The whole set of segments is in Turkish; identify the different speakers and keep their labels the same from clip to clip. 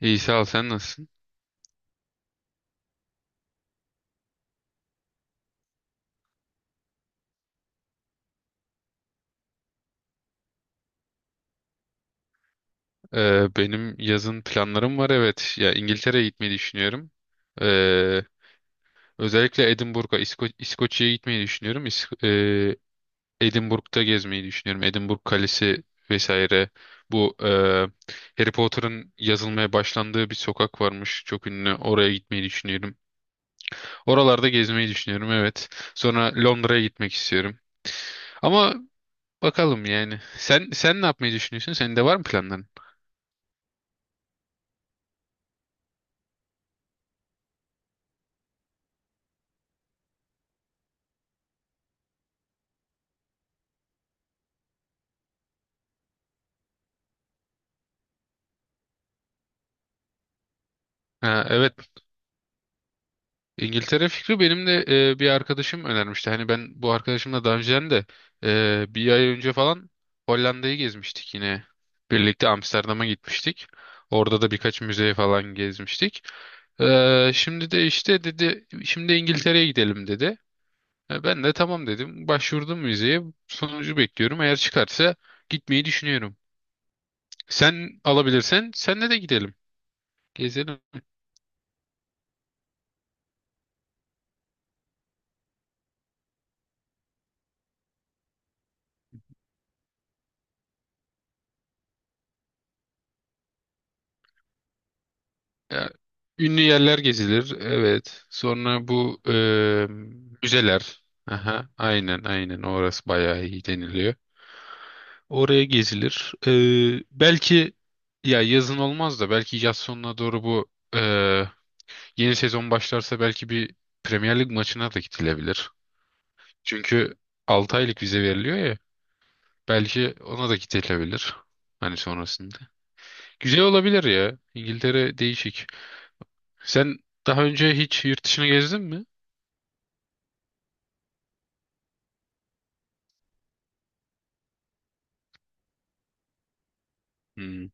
Speaker 1: İyi sağ ol, sen nasılsın? Benim yazın planlarım var, evet. Ya İngiltere'ye gitmeyi düşünüyorum. Ee, Özellikle Edinburgh'a, İskoçya'ya gitmeyi düşünüyorum. Edinburgh'da gezmeyi düşünüyorum. Edinburgh Kalesi vesaire. Bu Harry Potter'ın yazılmaya başlandığı bir sokak varmış. Çok ünlü. Oraya gitmeyi düşünüyorum. Oralarda gezmeyi düşünüyorum, evet. Sonra Londra'ya gitmek istiyorum. Ama bakalım yani. Sen ne yapmayı düşünüyorsun? Senin de var mı planların? Ha, evet. İngiltere fikri benim de bir arkadaşım önermişti. Hani ben bu arkadaşımla daha önceden de bir ay önce falan Hollanda'yı gezmiştik yine. Birlikte Amsterdam'a gitmiştik. Orada da birkaç müzeye falan gezmiştik. E, şimdi de işte dedi şimdi İngiltere'ye gidelim dedi. E, ben de tamam dedim. Başvurdum müzeye. Sonucu bekliyorum. Eğer çıkarsa gitmeyi düşünüyorum. Sen alabilirsen senle de gidelim. Gezelim. Ya, ünlü yerler gezilir. Evet. Sonra bu müzeler. Aha, aynen aynen, orası bayağı iyi deniliyor. Oraya gezilir. E, belki ya yazın olmaz da belki yaz sonuna doğru bu e, yeni sezon başlarsa belki bir Premier Lig maçına da gidilebilir. Çünkü 6 aylık vize veriliyor ya. Belki ona da gidilebilir. Hani sonrasında. Güzel olabilir ya. İngiltere değişik. Sen daha önce hiç yurt dışına gezdin mi? Hmm.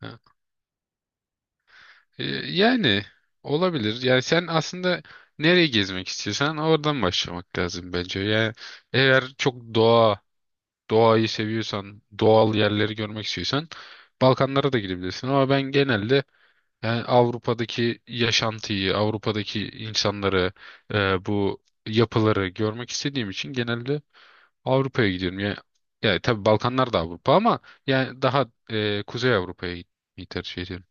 Speaker 1: Ha. Yani olabilir. Yani sen aslında nereye gezmek istiyorsan oradan başlamak lazım bence. Yani eğer çok doğa, doğayı seviyorsan, doğal yerleri görmek istiyorsan Balkanlara da gidebilirsin. Ama ben genelde yani Avrupa'daki yaşantıyı, Avrupa'daki insanları, bu yapıları görmek istediğim için genelde Avrupa'ya gidiyorum. Yani, yani tabii Balkanlar da Avrupa ama yani daha Kuzey Avrupa'ya gitmeyi tercih ediyorum.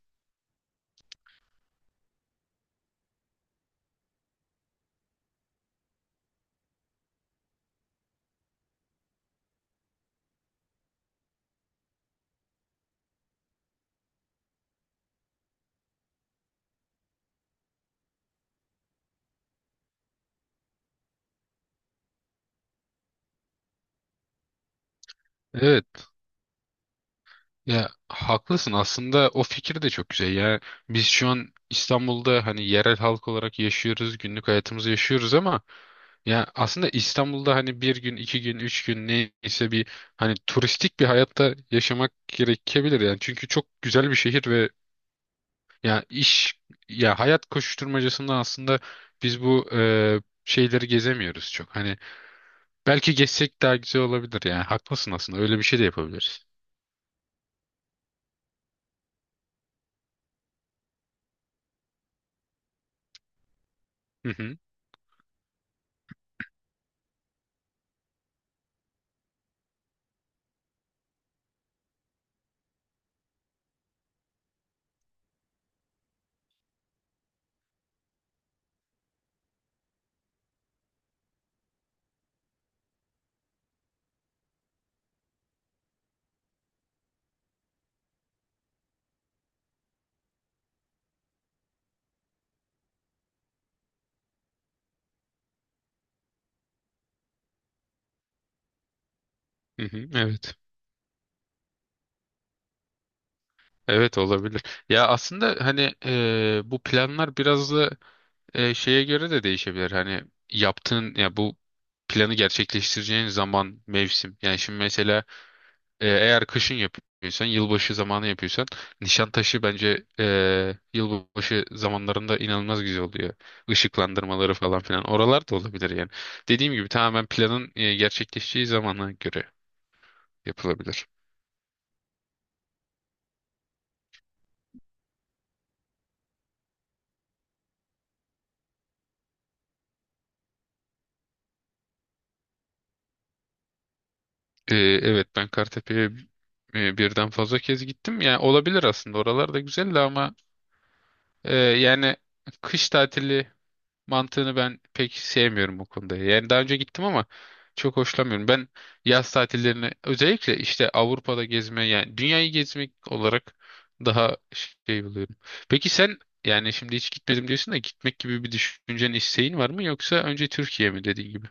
Speaker 1: Evet. Ya haklısın, aslında o fikir de çok güzel ya, biz şu an İstanbul'da hani yerel halk olarak yaşıyoruz, günlük hayatımızı yaşıyoruz ama ya aslında İstanbul'da hani bir gün, iki gün, üç gün neyse bir hani turistik bir hayatta yaşamak gerekebilir yani, çünkü çok güzel bir şehir ve ya iş, ya hayat koşuşturmacasında aslında biz bu şeyleri gezemiyoruz çok hani, belki gezsek daha güzel olabilir yani, haklısın aslında, öyle bir şey de yapabiliriz. Hı hı, hı hı, evet. Evet, olabilir. Ya aslında hani bu planlar biraz da şeye göre de değişebilir. Hani yaptığın ya bu planı gerçekleştireceğin zaman, mevsim. Yani şimdi mesela eğer kışın yapıyorsan, yılbaşı zamanı yapıyorsan Nişantaşı bence yılbaşı zamanlarında inanılmaz güzel oluyor. Işıklandırmaları falan filan. Oralar da olabilir yani. Dediğim gibi tamamen planın gerçekleşeceği zamana göre yapılabilir. Evet, ben Kartepe'ye birden fazla kez gittim. Yani olabilir, aslında oralar da güzeldi ama yani kış tatili mantığını ben pek sevmiyorum bu konuda. Yani daha önce gittim ama çok hoşlanmıyorum. Ben yaz tatillerini özellikle işte Avrupa'da gezme yani dünyayı gezmek olarak daha şey buluyorum. Peki sen yani şimdi hiç gitmedim diyorsun da gitmek gibi bir düşüncen, isteğin var mı, yoksa önce Türkiye mi dediğin gibi?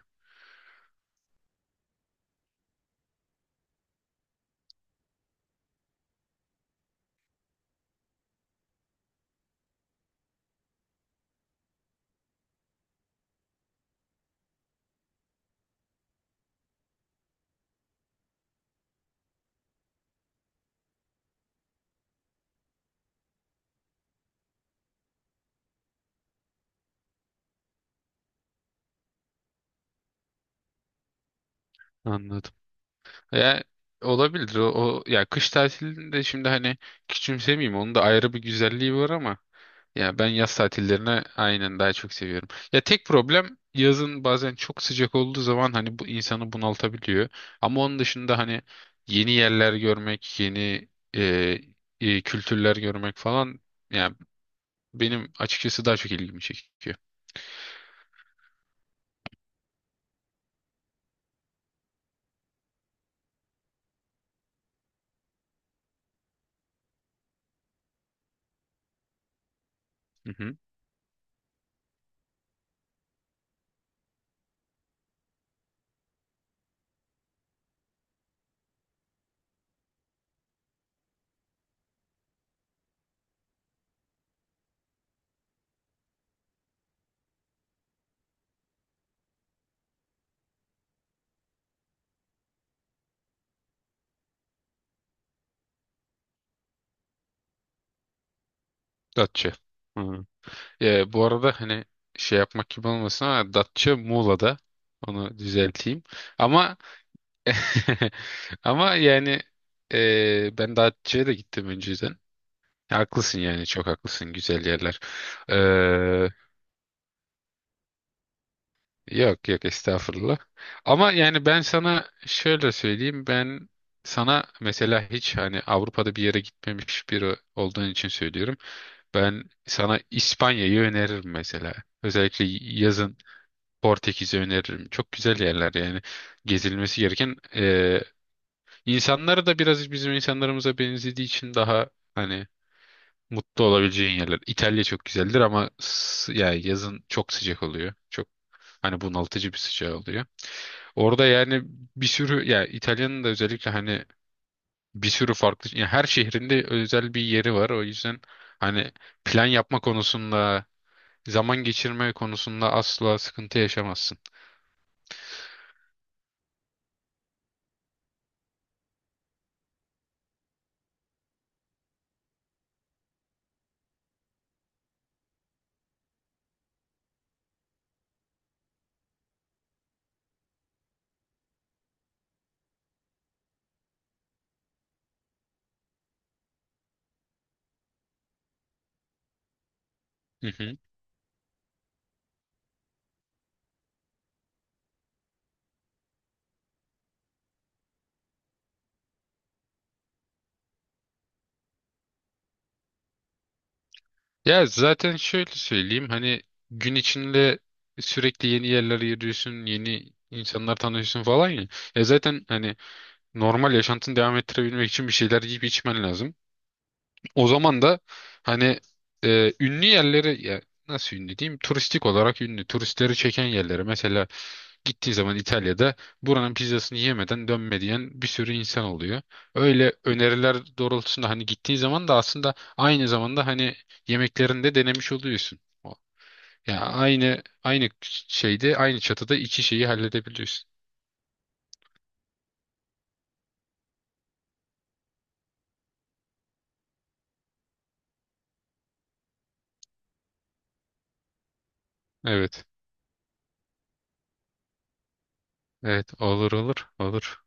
Speaker 1: Anladım. Ya olabilir ya kış tatilinde şimdi hani küçümsemeyeyim, onun da ayrı bir güzelliği var ama ya ben yaz tatillerini aynen daha çok seviyorum. Ya tek problem yazın bazen çok sıcak olduğu zaman hani bu insanı bunaltabiliyor. Ama onun dışında hani yeni yerler görmek, yeni e, kültürler görmek falan ya benim açıkçası daha çok ilgimi çekiyor. Hı hı. Datça. Hı. Ya, bu arada hani şey yapmak gibi olmasın ama Datça Muğla'da. Onu düzelteyim. Ama ama yani ben Datça'ya da gittim önceden. Haklısın yani, çok haklısın, güzel yerler. Yok yok, estağfurullah. Ama yani ben sana şöyle söyleyeyim. Ben sana mesela hiç hani Avrupa'da bir yere gitmemiş biri olduğun için söylüyorum. Ben sana İspanya'yı öneririm mesela. Özellikle yazın Portekiz'i öneririm. Çok güzel yerler yani, gezilmesi gereken. İnsanları da biraz bizim insanlarımıza benzediği için daha hani mutlu olabileceğin yerler. İtalya çok güzeldir ama yani yazın çok sıcak oluyor. Çok hani bunaltıcı bir sıcağı oluyor. Orada yani bir sürü ya İtalya'nın da özellikle hani bir sürü farklı ya her şehrinde özel bir yeri var. O yüzden hani plan yapma konusunda, zaman geçirme konusunda asla sıkıntı yaşamazsın. Hı hı. Ya zaten şöyle söyleyeyim hani gün içinde sürekli yeni yerlere yürüyorsun, yeni insanlar tanıyorsun falan ya. Ya zaten hani normal yaşantını devam ettirebilmek için bir şeyler yiyip içmen lazım. O zaman da hani ünlü yerleri ya nasıl ünlü diyeyim? Turistik olarak ünlü. Turistleri çeken yerleri mesela gittiği zaman İtalya'da buranın pizzasını yemeden dönme diyen bir sürü insan oluyor. Öyle öneriler doğrultusunda hani gittiği zaman da aslında aynı zamanda hani yemeklerini de denemiş oluyorsun. O- Ya aynı şeyde aynı çatıda iki şeyi halledebiliyorsun. Evet. Evet, olur.